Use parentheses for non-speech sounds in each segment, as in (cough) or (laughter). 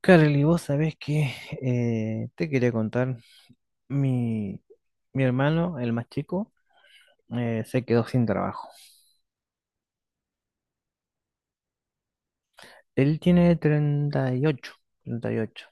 Carly, vos sabés que te quería contar, mi, mi hermano, el más chico, se quedó sin trabajo. Él tiene 38, 38.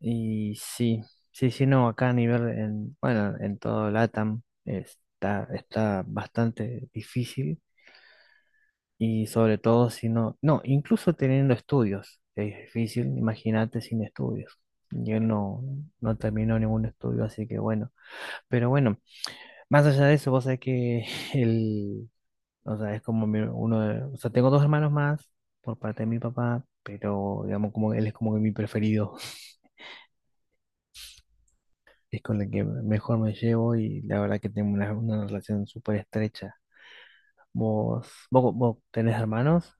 Y sí, sí, sí, no, acá a nivel, en, bueno, en todo LATAM está, está bastante difícil. Y sobre todo si no, no, incluso teniendo estudios, es difícil, imagínate sin estudios. Yo no, no terminó ningún estudio, así que bueno. Pero bueno. Más allá de eso, vos sabés que (laughs) el, o sea, uno de, o sea, tengo dos hermanos más por parte de mi papá, pero digamos como él es como que mi preferido, (laughs) es con el que mejor me llevo y la verdad que tengo una relación súper estrecha. Vos tenés hermanos.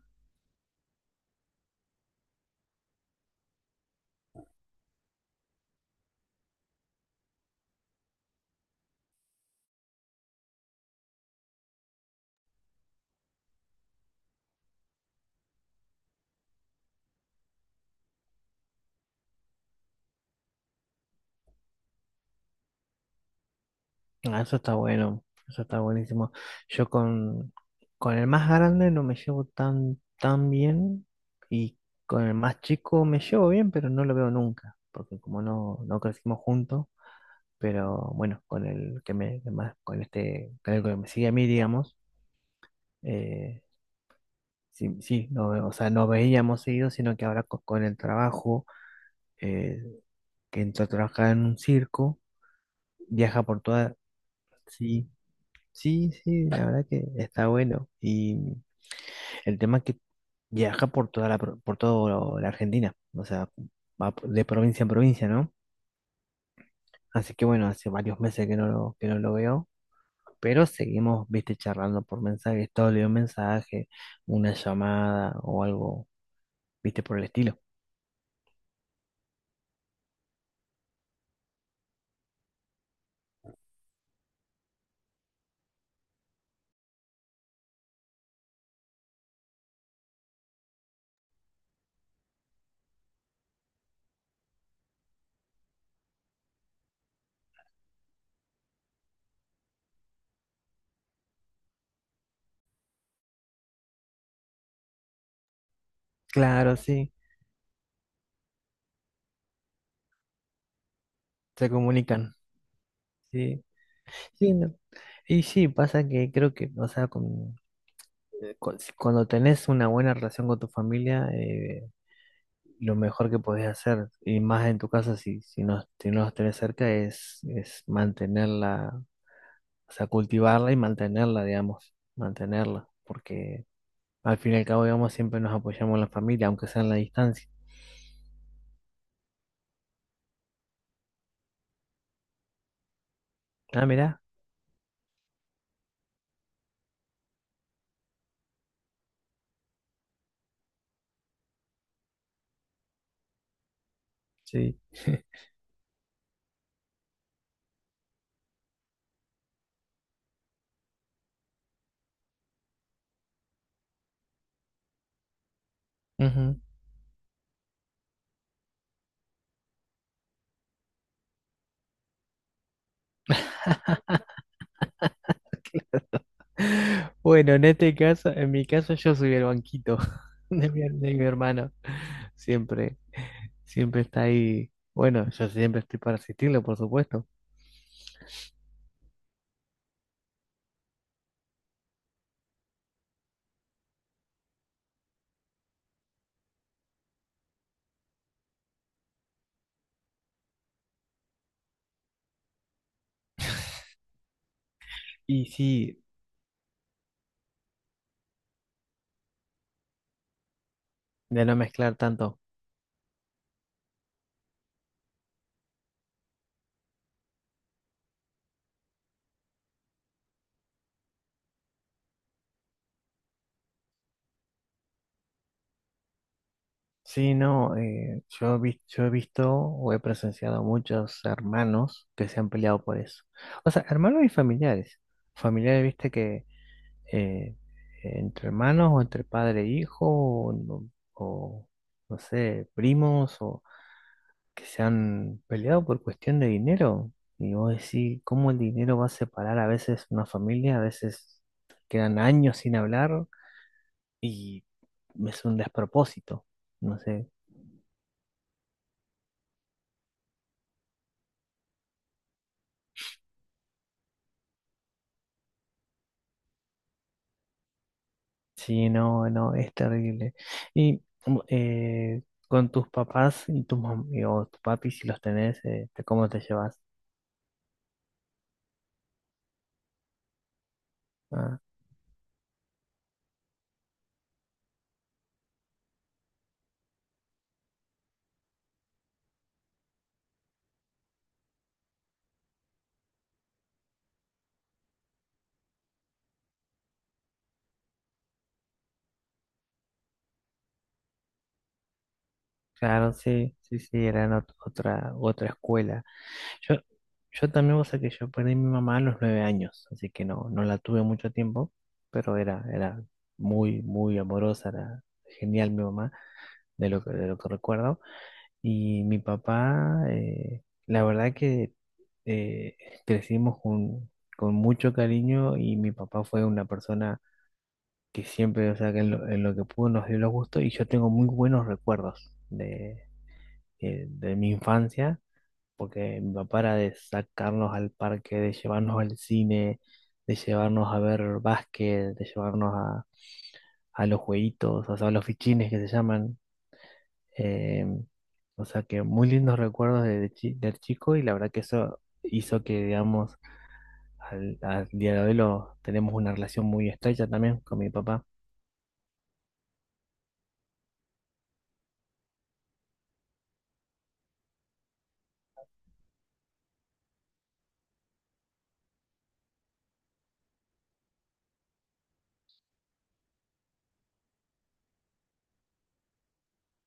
Ah, eso está bueno, eso está buenísimo. Yo con el más grande no me llevo tan, tan bien y con el más chico me llevo bien, pero no lo veo nunca, porque como no, no crecimos juntos. Pero bueno, con este, con el que me sigue a mí, digamos, eh, sí, sí, no, o sea, no veíamos seguido, sino que ahora con el trabajo, eh, que entró a trabajar en un circo, viaja por toda, sí, sí, sí, la verdad que está bueno, y el tema es que viaja por toda la, por toda la Argentina, o sea, va de provincia en provincia, ¿no? Así que bueno, hace varios meses que que no lo veo. Pero seguimos, viste, charlando por mensajes, todo le un mensaje, una llamada o algo, viste, por el estilo. Claro, sí, se comunican. Sí, sí, no. Y sí, pasa que creo que, o sea, cuando tenés una buena relación con tu familia, lo mejor que podés hacer, y más en tu casa si, si no, si no los tenés cerca, es mantenerla, o sea, cultivarla y mantenerla, digamos, mantenerla, porque al fin y al cabo, digamos, siempre nos apoyamos en la familia, aunque sea en la distancia. Ah, mirá, sí. (laughs) Ujú. Bueno, en este caso, en mi caso, yo soy el banquito (laughs) de mi hermano. Siempre, siempre está ahí. Bueno, yo siempre estoy para asistirlo, por supuesto. Y sí, de no mezclar tanto. Sí, no, yo, yo he visto o he presenciado muchos hermanos que se han peleado por eso. O sea, hermanos y familiares. Familiares, viste, que eh, entre hermanos o entre padre e hijo o, no sé, primos o que se han peleado por cuestión de dinero. Y vos decís, ¿cómo el dinero va a separar a veces una familia? A veces quedan años sin hablar y es un despropósito. No sé, sí, no, no, es terrible. Y con tus papás y tus mam- y- o tus papis, si los tenés, ¿cómo te llevas? Ah, claro, sí, sí, sí, era otra, otra escuela. Yo, yo también, o sea, que yo perdí a mi mamá a los 9 años, así que no, no la tuve mucho tiempo, pero era, era muy, muy amorosa, era genial mi mamá, de lo que recuerdo. Y mi papá, la verdad que eh, crecimos con mucho cariño y mi papá fue una persona que siempre, o sea, que en lo que pudo nos dio los gustos y yo tengo muy buenos recuerdos de mi infancia, porque mi papá era de sacarnos al parque, de llevarnos al cine, de llevarnos a ver básquet, de llevarnos a los jueguitos, o sea, a los fichines que se llaman. eh, o sea que muy lindos recuerdos de, del chico y la verdad que eso hizo que, digamos, al, al día de hoy lo, tenemos una relación muy estrecha también con mi papá.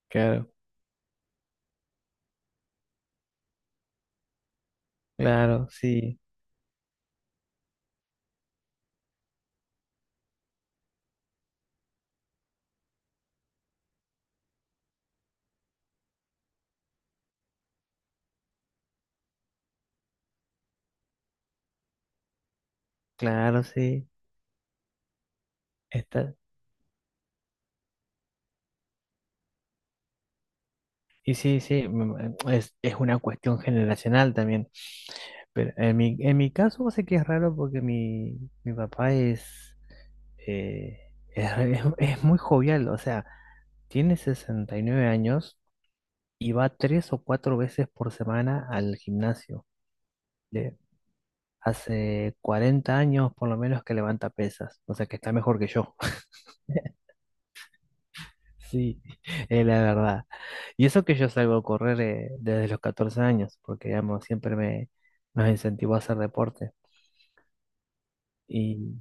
Claro, claro, sí, claro, sí. Está, y sí, sí, es una cuestión generacional también. Pero en mi caso sé que es raro porque mi papá eh, es, (laughs) es muy jovial, o sea, tiene 69 años y va tres o cuatro veces por semana al gimnasio. Le- hace 40 años por lo menos que levanta pesas, o sea que está mejor que yo. Sí, (laughs) es la verdad. Y eso que yo salgo a correr desde los 14 años, porque digamos, siempre me nos incentivó a hacer deporte. Y,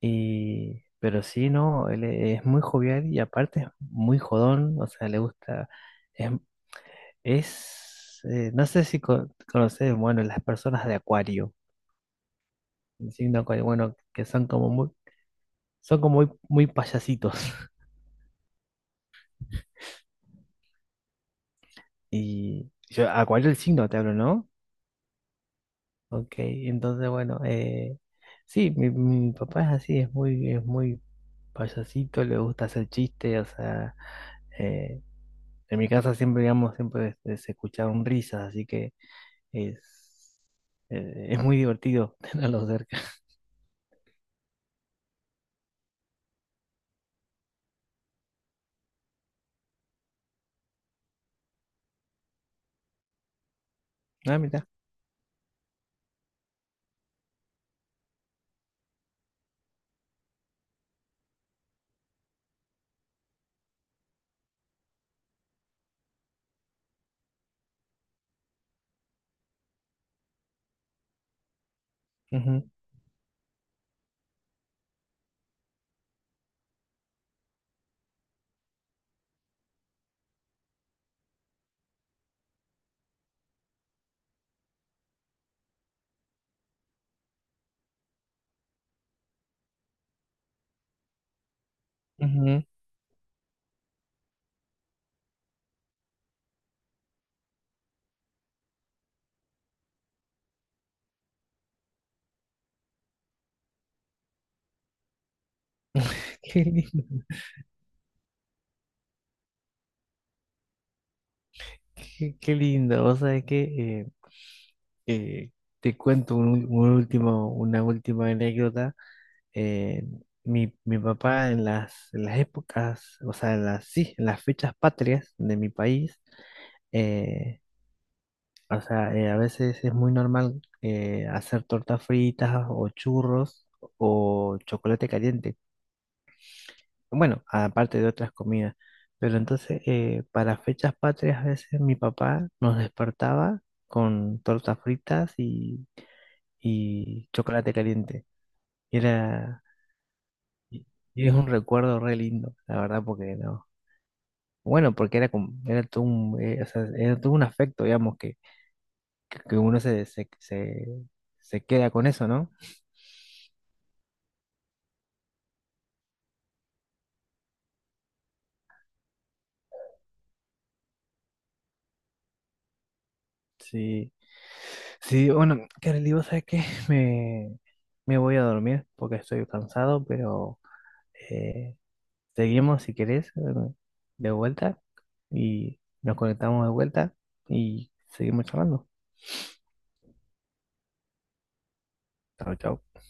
pero sí, no, él es muy jovial y aparte es muy jodón, o sea, le gusta, es, es, no sé si conoces, bueno, las personas de Acuario, el signo Acuario, bueno, que son como muy, muy payasitos. (laughs) Y yo, Acuario el signo te hablo, ¿no? Ok, entonces bueno, sí, mi papá es así, es muy payasito, le gusta hacer chistes, o sea, eh, en mi casa siempre, digamos, siempre se escucharon risas, así que es, es muy divertido (laughs) tenerlo cerca. Ah, mira. Ujú, ujú. (laughs) Qué lindo, qué, qué lindo. Vos sabés que eh, eh, te cuento un último, una última anécdota. eh, mi, mi papá en las épocas, o sea, en las, sí, en las fechas patrias de mi país, eh, o sea, a veces es muy normal hacer tortas fritas o churros o chocolate caliente. Bueno, aparte de otras comidas. Pero entonces, para fechas patrias, a veces mi papá nos despertaba con tortas fritas y chocolate caliente. Era, Y y es un recuerdo re lindo, la verdad, porque no. Bueno, porque era como, era todo un, o sea, era todo un afecto, digamos, que, que uno se, se, se, se queda con eso, ¿no? Sí, sí, bueno, Kareli, vos sabés que me, me voy a dormir porque estoy cansado, pero eh, seguimos si querés de vuelta y nos conectamos de vuelta y seguimos charlando. Chao, chao.